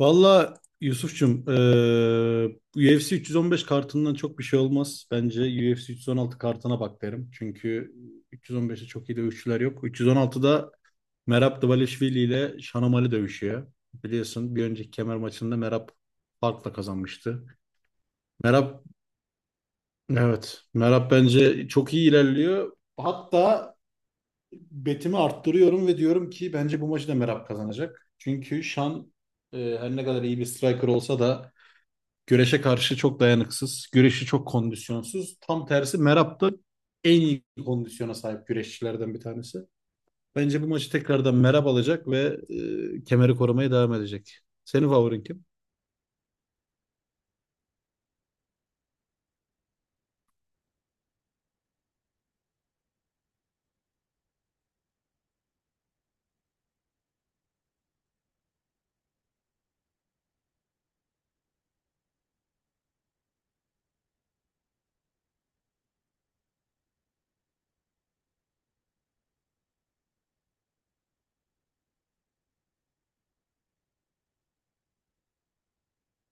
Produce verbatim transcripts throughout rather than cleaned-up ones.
Valla Yusuf'cum eee, bu U F C üç yüz on beş kartından çok bir şey olmaz. Bence U F C üç yüz on altı kartına bak derim. Çünkü üç yüz on beşte çok iyi dövüşçüler yok. üç yüz on altıda Merab Dvalishvili ile Shanomali dövüşüyor. Biliyorsun bir önceki kemer maçında Merab farkla kazanmıştı. Merab, evet, Merab bence çok iyi ilerliyor. Hatta betimi arttırıyorum ve diyorum ki bence bu maçı da Merab kazanacak. Çünkü Şan eee, her ne kadar iyi bir striker olsa da güreşe karşı çok dayanıksız. Güreşi çok kondisyonsuz. Tam tersi Merab da en iyi kondisyona sahip güreşçilerden bir tanesi. Bence bu maçı tekrardan Merab alacak ve e, kemeri korumaya devam edecek. Senin favorin kim?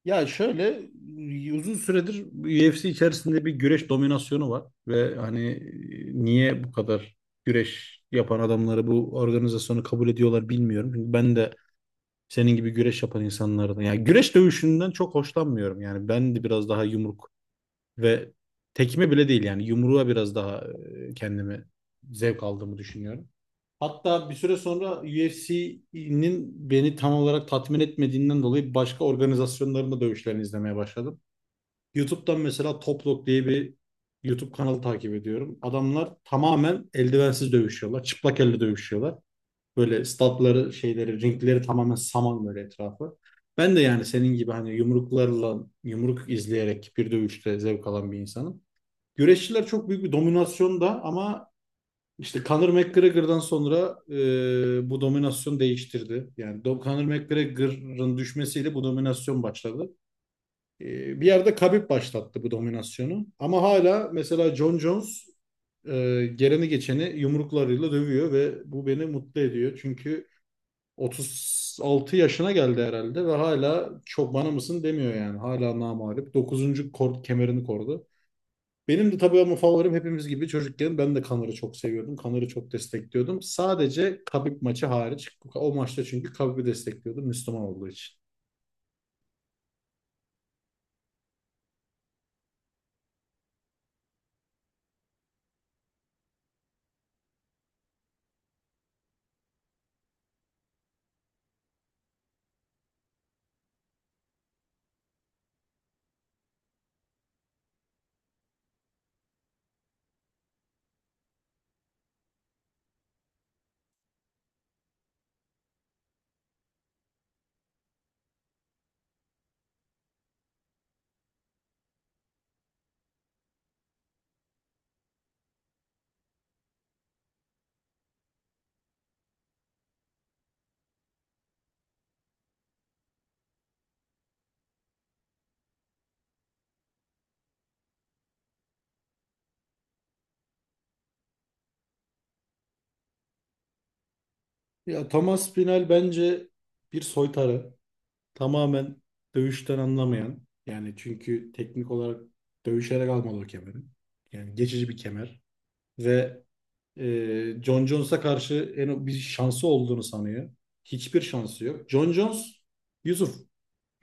Ya şöyle, uzun süredir U F C içerisinde bir güreş dominasyonu var ve hani e, niye bu kadar güreş yapan adamları bu organizasyonu kabul ediyorlar bilmiyorum. Çünkü ben de senin gibi güreş yapan insanlardan. Yani güreş dövüşünden çok hoşlanmıyorum. Yani ben de biraz daha yumruk ve tekme bile değil, yani yumruğa biraz daha e, kendimi zevk aldığımı düşünüyorum. Hatta bir süre sonra U F C'nin beni tam olarak tatmin etmediğinden dolayı başka organizasyonların da dövüşlerini izlemeye başladım. YouTube'dan mesela Toplok diye bir YouTube kanalı takip ediyorum. Adamlar tamamen eldivensiz dövüşüyorlar. Çıplak elle dövüşüyorlar. Böyle statları, şeyleri, ringleri tamamen saman, böyle etrafı. Ben de yani senin gibi hani yumruklarla, yumruk izleyerek bir dövüşte zevk alan bir insanım. Güreşçiler çok büyük bir dominasyonda ama işte Conor McGregor'dan sonra e, bu dominasyon değiştirdi. Yani Do- Conor McGregor'ın düşmesiyle bu dominasyon başladı. E, Bir yerde Khabib başlattı bu dominasyonu. Ama hala mesela John Jones e, geleni geçeni yumruklarıyla dövüyor ve bu beni mutlu ediyor. Çünkü otuz altı yaşına geldi herhalde ve hala çok bana mısın demiyor yani. Hala namağlup. Dokuzuncu kor kemerini kordu. Benim de tabii, ama favorim, hepimiz gibi, çocukken ben de Kanar'ı çok seviyordum. Kanar'ı çok destekliyordum. Sadece Kabip maçı hariç. O maçta çünkü Kabip'i destekliyordum, Müslüman olduğu için. Ya Thomas Pinal bence bir soytarı. Tamamen dövüşten anlamayan. Yani çünkü teknik olarak dövüşerek almadı o kemeri. Yani geçici bir kemer. Ve e, John Jones'a karşı en bir şansı olduğunu sanıyor. Hiçbir şansı yok. John Jones Yusuf,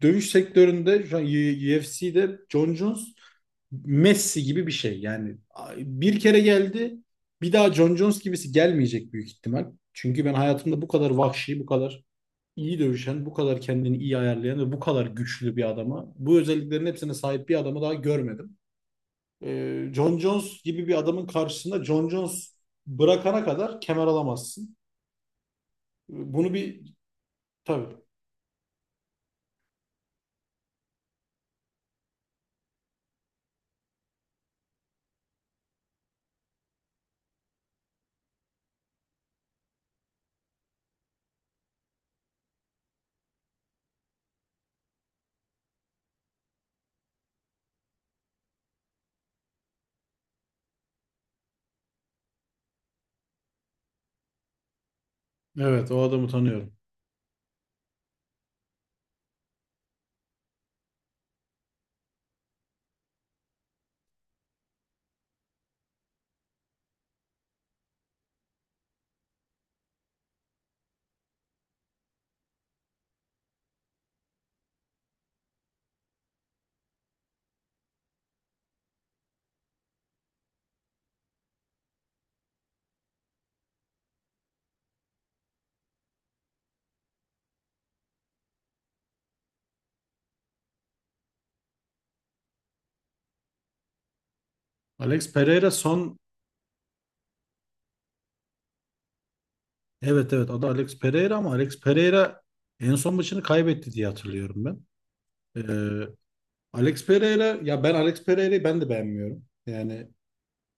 dövüş sektöründe şu an U F C'de Jon Jones Messi gibi bir şey. Yani bir kere geldi, bir daha Jon Jones gibisi gelmeyecek büyük ihtimal. Çünkü ben hayatımda bu kadar vahşi, bu kadar iyi dövüşen, bu kadar kendini iyi ayarlayan ve bu kadar güçlü bir adama, bu özelliklerin hepsine sahip bir adamı daha görmedim. Ee, John Jones gibi bir adamın karşısında Jon Jones bırakana kadar kemer alamazsın. Ee, Bunu bir Tabii. Evet, o adamı tanıyorum. Alex Pereira son Evet, evet, adı Alex Pereira, ama Alex Pereira en son maçını kaybetti diye hatırlıyorum ben. Ee, Alex Pereira, ya ben Alex Pereira'yı ben de beğenmiyorum. Yani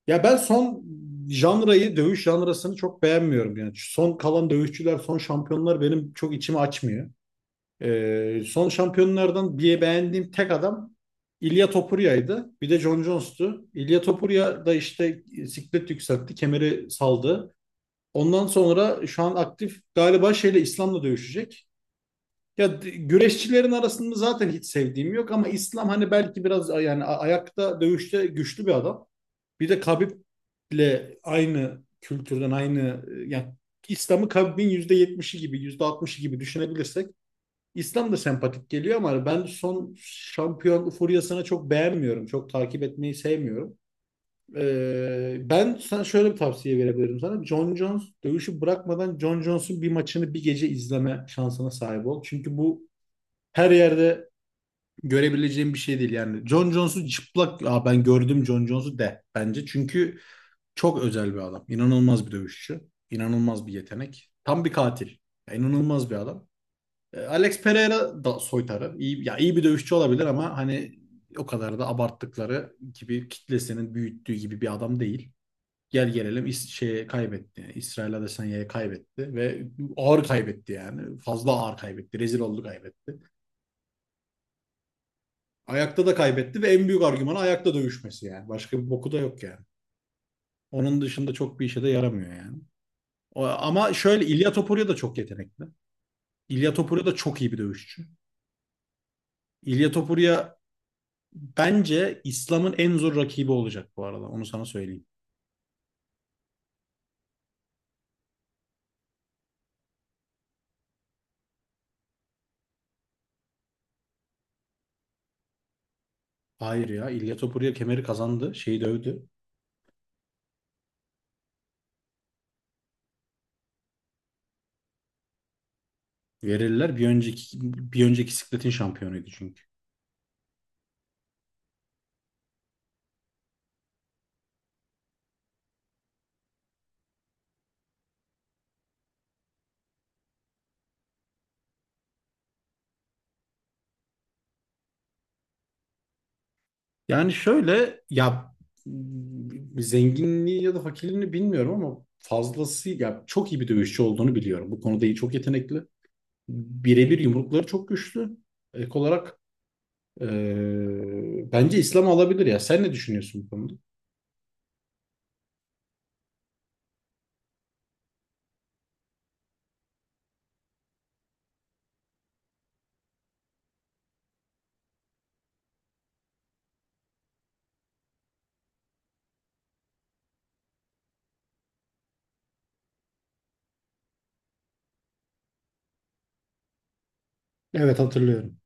ya ben son janrayı dövüş janrasını çok beğenmiyorum. Yani şu son kalan dövüşçüler, son şampiyonlar benim çok içimi açmıyor. Ee, son şampiyonlardan bir beğendiğim tek adam İlya Topuria'ydı. Bir de John Jones'tu. İlya Topuria da işte siklet yükseltti, kemeri saldı. Ondan sonra şu an aktif galiba şeyle, İslam'la dövüşecek. Ya d- güreşçilerin arasında zaten hiç sevdiğim yok, ama İslam hani belki biraz a- yani a- ayakta dövüşte güçlü bir adam. Bir de Khabib'le aynı kültürden, aynı e, yani İslam'ı Khabib'in yüzde yetmişi gibi, yüzde altmışı gibi düşünebilirsek İslam da sempatik geliyor, ama hani ben son şampiyon furyasını çok beğenmiyorum. Çok takip etmeyi sevmiyorum. Ee, ben sana şöyle bir tavsiye verebilirim sana. John Jones dövüşü bırakmadan John Jones'un bir maçını bir gece izleme şansına sahip ol. Çünkü bu her yerde görebileceğim bir şey değil yani. John Jones'u çıplak Aa, ben gördüm John Jones'u de bence. Çünkü çok özel bir adam. İnanılmaz bir dövüşçü. İnanılmaz bir yetenek. Tam bir katil. Ya, inanılmaz bir adam. Ee, Alex Pereira da soytarı. İyi, ya iyi bir dövüşçü olabilir, ama hani o kadar da abarttıkları gibi, kitlesinin büyüttüğü gibi bir adam değil. Gel gelelim İs şeye kaybetti. Yani İsrail Adesanya'ya kaybetti ve ağır kaybetti yani. Fazla ağır kaybetti. Rezil oldu, kaybetti. Ayakta da kaybetti ve en büyük argümanı ayakta dövüşmesi yani. Başka bir boku da yok yani. Onun dışında çok bir işe de yaramıyor yani. O- ama şöyle, İlya Topuria da çok yetenekli. İlya Topuria da çok iyi bir dövüşçü. İlya Topuria bence İslam'ın en zor rakibi olacak bu arada. Onu sana söyleyeyim. Hayır ya, İlya Topuria kemeri kazandı. Şeyi dövdü. Verirler. Bir önceki bir önceki sikletin şampiyonuydu çünkü. Yani şöyle ya, m, zenginliği ya da fakirliğini bilmiyorum ama fazlası ya, çok iyi bir dövüşçü olduğunu biliyorum. Bu konuda iyi, çok yetenekli. Birebir yumrukları çok güçlü. Ek olarak e, bence İslam alabilir ya. Sen ne düşünüyorsun bu konuda? Evet, hatırlıyorum.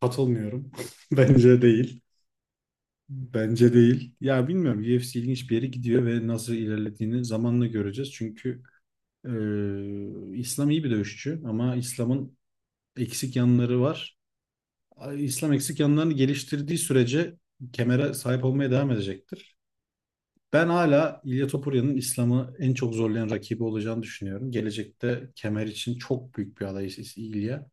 Katılmıyorum. Bence değil. Bence değil. Ya bilmiyorum, U F C ilginç bir yere gidiyor ve nasıl ilerlediğini zamanla göreceğiz. Çünkü e, İslam iyi bir dövüşçü, ama İslam'ın eksik yanları var. İslam eksik yanlarını geliştirdiği sürece kemere sahip olmaya devam edecektir. Ben hala İlya Topurya'nın İslam'ı en çok zorlayan rakibi olacağını düşünüyorum. Gelecekte kemer için çok büyük bir aday İlya.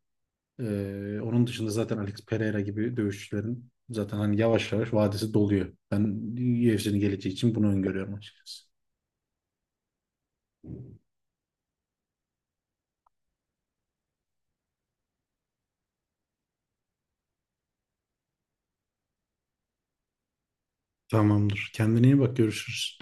Ee, onun dışında zaten Alex Pereira gibi dövüşçülerin zaten hani yavaş yavaş vadesi doluyor. Ben U F C'nin geleceği için bunu öngörüyorum açıkçası. Tamamdır. Kendine iyi bak. Görüşürüz.